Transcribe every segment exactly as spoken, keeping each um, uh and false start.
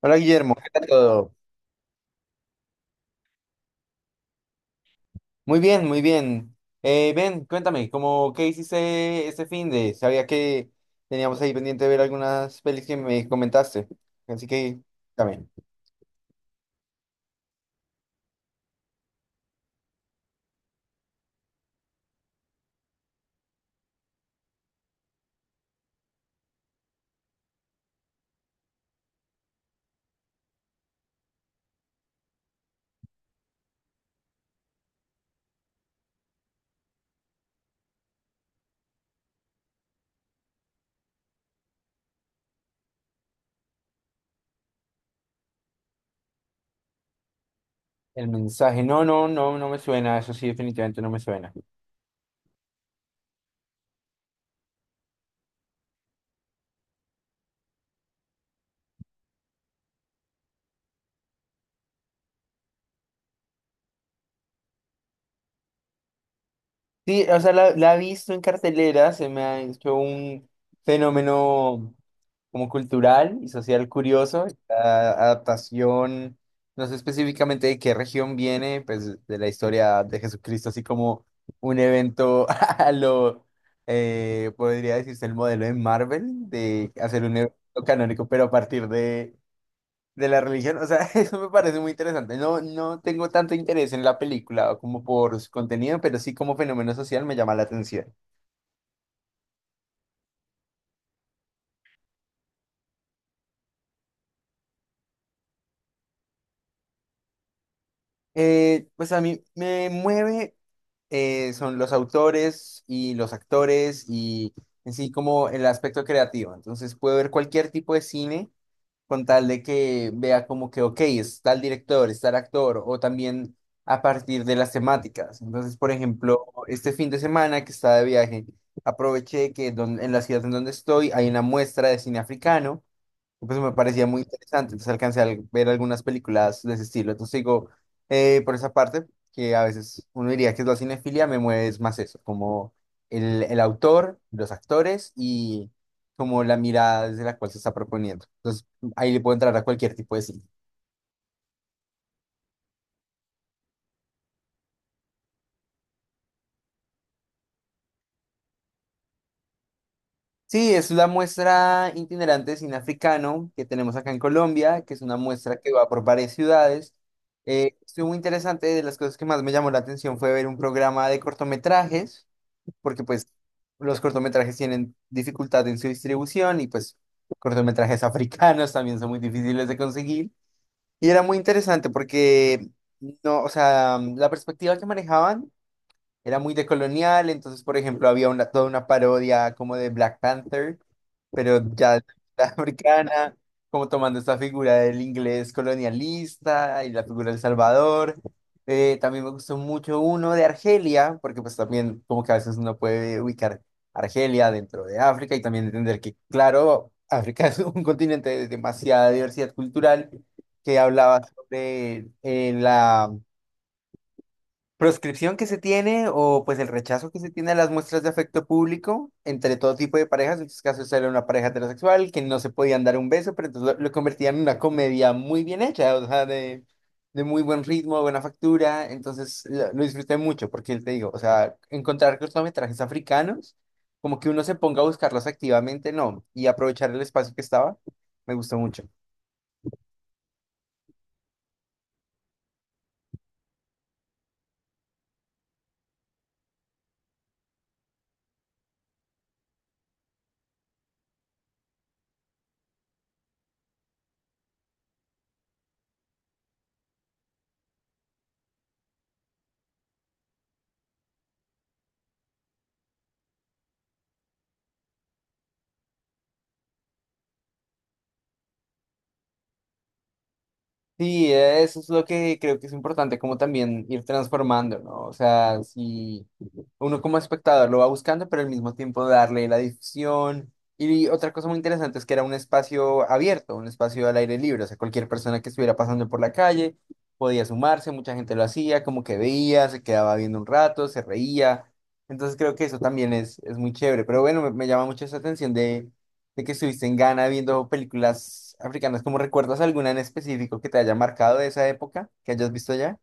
Hola Guillermo, ¿qué tal todo? Muy bien, muy bien. Eh, ven, cuéntame, ¿cómo qué hiciste este fin de? Sabía que teníamos ahí pendiente de ver algunas pelis que me comentaste. Así que, también. El mensaje, no, no, no, no me suena, eso sí, definitivamente no me suena. Sí, o sea, la, la he visto en cartelera, se me ha hecho un fenómeno como cultural y social curioso. La adaptación, no sé específicamente de qué región viene, pues de la historia de Jesucristo, así como un evento a lo, eh, podría decirse el modelo de Marvel, de hacer un evento canónico, pero a partir de, de la religión, o sea, eso me parece muy interesante. No, no tengo tanto interés en la película como por su contenido, pero sí como fenómeno social me llama la atención. Eh, pues a mí me mueve, eh, son los autores y los actores y en sí como el aspecto creativo. Entonces puedo ver cualquier tipo de cine con tal de que vea como que, ok, es tal director, es tal actor, o también a partir de las temáticas. Entonces, por ejemplo, este fin de semana que estaba de viaje, aproveché que don- en la ciudad en donde estoy hay una muestra de cine africano, pues me parecía muy interesante, entonces alcancé a ver algunas películas de ese estilo. Entonces digo, eh, por esa parte, que a veces uno diría que es la cinefilia, me mueve es más eso, como el, el autor, los actores y como la mirada desde la cual se está proponiendo. Entonces ahí le puedo entrar a cualquier tipo de cine. Sí, es la muestra itinerante de cine africano que tenemos acá en Colombia, que es una muestra que va por varias ciudades. Eh, estuvo muy interesante, de las cosas que más me llamó la atención fue ver un programa de cortometrajes, porque pues los cortometrajes tienen dificultad en su distribución y pues cortometrajes africanos también son muy difíciles de conseguir. Y era muy interesante porque, no, o sea, mm, la perspectiva que manejaban era muy decolonial. Entonces, por ejemplo, había una, toda una parodia como de Black Panther, pero ya la africana, como tomando esta figura del inglés colonialista y la figura del Salvador. Eh, también me gustó mucho uno de Argelia, porque pues también como que a veces uno puede ubicar Argelia dentro de África y también entender que, claro, África es un continente de demasiada diversidad cultural, que hablaba sobre eh, la proscripción que se tiene, o pues el rechazo que se tiene a las muestras de afecto público entre todo tipo de parejas. En estos casos era una pareja heterosexual que no se podían dar un beso, pero entonces lo, lo convertían en una comedia muy bien hecha, o sea, de de muy buen ritmo, buena factura. Entonces lo, lo disfruté mucho porque te digo, o sea, encontrar cortometrajes africanos, como que uno se ponga a buscarlos activamente, no, y aprovechar el espacio que estaba, me gustó mucho. Sí, eso es lo que creo que es importante, como también ir transformando, ¿no? O sea, si uno como espectador lo va buscando, pero al mismo tiempo darle la difusión. Y otra cosa muy interesante es que era un espacio abierto, un espacio al aire libre, o sea, cualquier persona que estuviera pasando por la calle podía sumarse, mucha gente lo hacía, como que veía, se quedaba viendo un rato, se reía. Entonces creo que eso también es, es muy chévere, pero bueno, me, me llama mucho esa atención de de que estuviste en Ghana viendo películas africanas. ¿Cómo recuerdas alguna en específico que te haya marcado de esa época que hayas visto allá?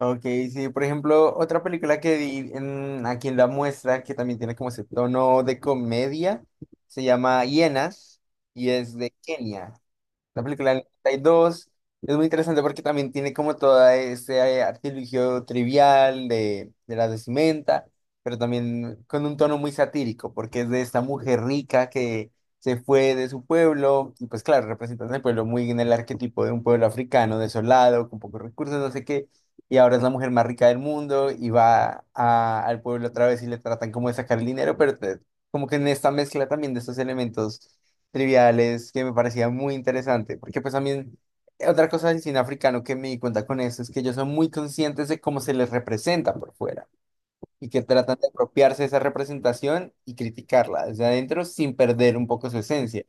Ok, sí, por ejemplo, otra película que vi en, aquí en la muestra, que también tiene como ese tono de comedia, se llama Hienas y es de Kenia. La película del noventa y dos es muy interesante porque también tiene como todo ese eh, artilugio trivial de, de la vestimenta, pero también con un tono muy satírico, porque es de esta mujer rica que se fue de su pueblo, y pues claro, representando el pueblo muy en el arquetipo de un pueblo africano, desolado, con pocos recursos, no sé qué, y ahora es la mujer más rica del mundo y va a- al pueblo otra vez y le tratan como de sacar el dinero, pero te- como que en esta mezcla también de estos elementos triviales, que me parecía muy interesante, porque pues también eh, otra cosa del cine africano que me di cuenta con eso es que ellos son muy conscientes de cómo se les representa por fuera y que tratan de apropiarse de esa representación y criticarla desde adentro sin perder un poco su esencia.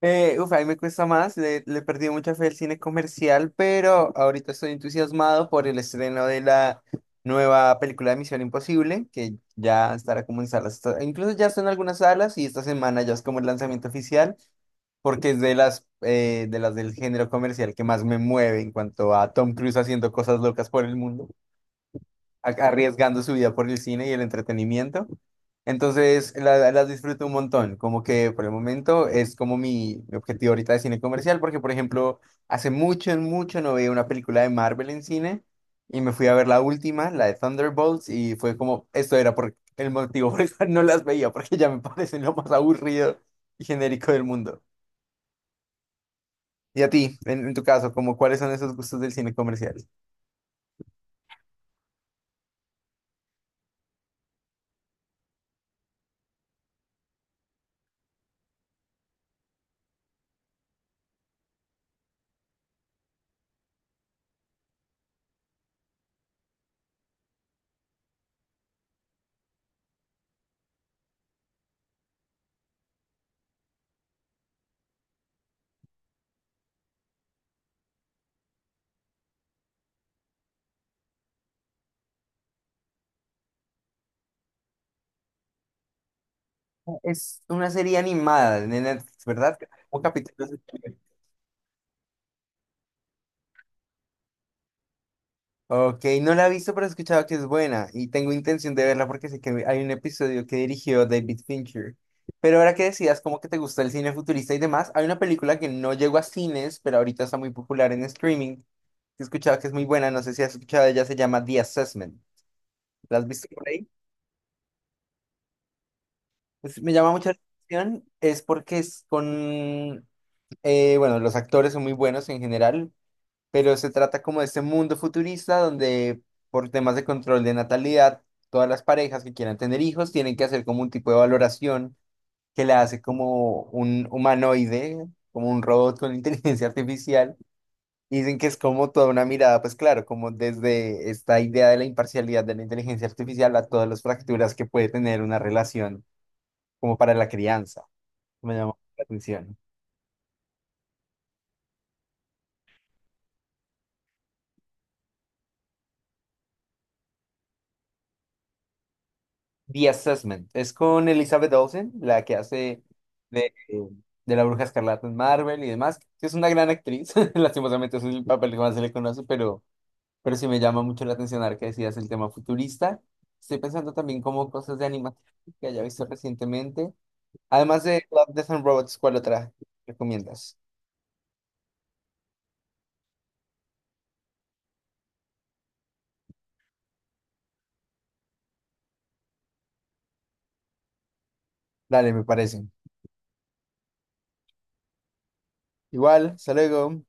Eh, uf, a mí me cuesta más, le, le he perdido mucha fe al cine comercial, pero ahorita estoy entusiasmado por el estreno de la nueva película de Misión Imposible, que ya estará como en salas, está- incluso ya está en algunas salas y esta semana ya es como el lanzamiento oficial. Porque es de las, eh, de las del género comercial que más me mueve, en cuanto a Tom Cruise haciendo cosas locas por el mundo, a- arriesgando su vida por el cine y el entretenimiento. Entonces, la- las disfruto un montón, como que por el momento es como mi, mi objetivo ahorita de cine comercial, porque por ejemplo, hace mucho, mucho no veía una película de Marvel en cine y me fui a ver la última, la de Thunderbolts, y fue como, esto era por el motivo por el cual no las veía, porque ya me parecen lo más aburrido y genérico del mundo. Y a ti, en, en tu caso, como cuáles son esos gustos del cine comercial. Es una serie animada de Netflix, ¿verdad? Un capítulo. Ok, no la he visto, pero he escuchado que es buena y tengo intención de verla porque sé que hay un episodio que dirigió David Fincher. Pero ahora que decías como que te gusta el cine futurista y demás, hay una película que no llegó a cines, pero ahorita está muy popular en streaming. He escuchado que es muy buena, no sé si has escuchado, ella se llama The Assessment. ¿La has visto por ahí? Pues, me llama mucha atención, es porque es con, eh, bueno, los actores son muy buenos en general, pero se trata como de este mundo futurista donde por temas de control de natalidad, todas las parejas que quieran tener hijos tienen que hacer como un tipo de valoración, que la hace como un humanoide, como un robot con inteligencia artificial. Y dicen que es como toda una mirada, pues claro, como desde esta idea de la imparcialidad de la inteligencia artificial a todas las fracturas que puede tener una relación como para la crianza. Me llamó la atención. The Assessment. Es con Elizabeth Olsen, la que hace de, de la Bruja Escarlata en Marvel y demás, que es una gran actriz. Lastimosamente es el papel que más se le conoce, pero, pero sí me llama mucho la atención ahora que decías el tema futurista. Estoy pensando también como cosas de animación que haya visto recientemente. Además de Love, Death and Robots, ¿cuál otra recomiendas? Dale, me parece. Igual, hasta luego.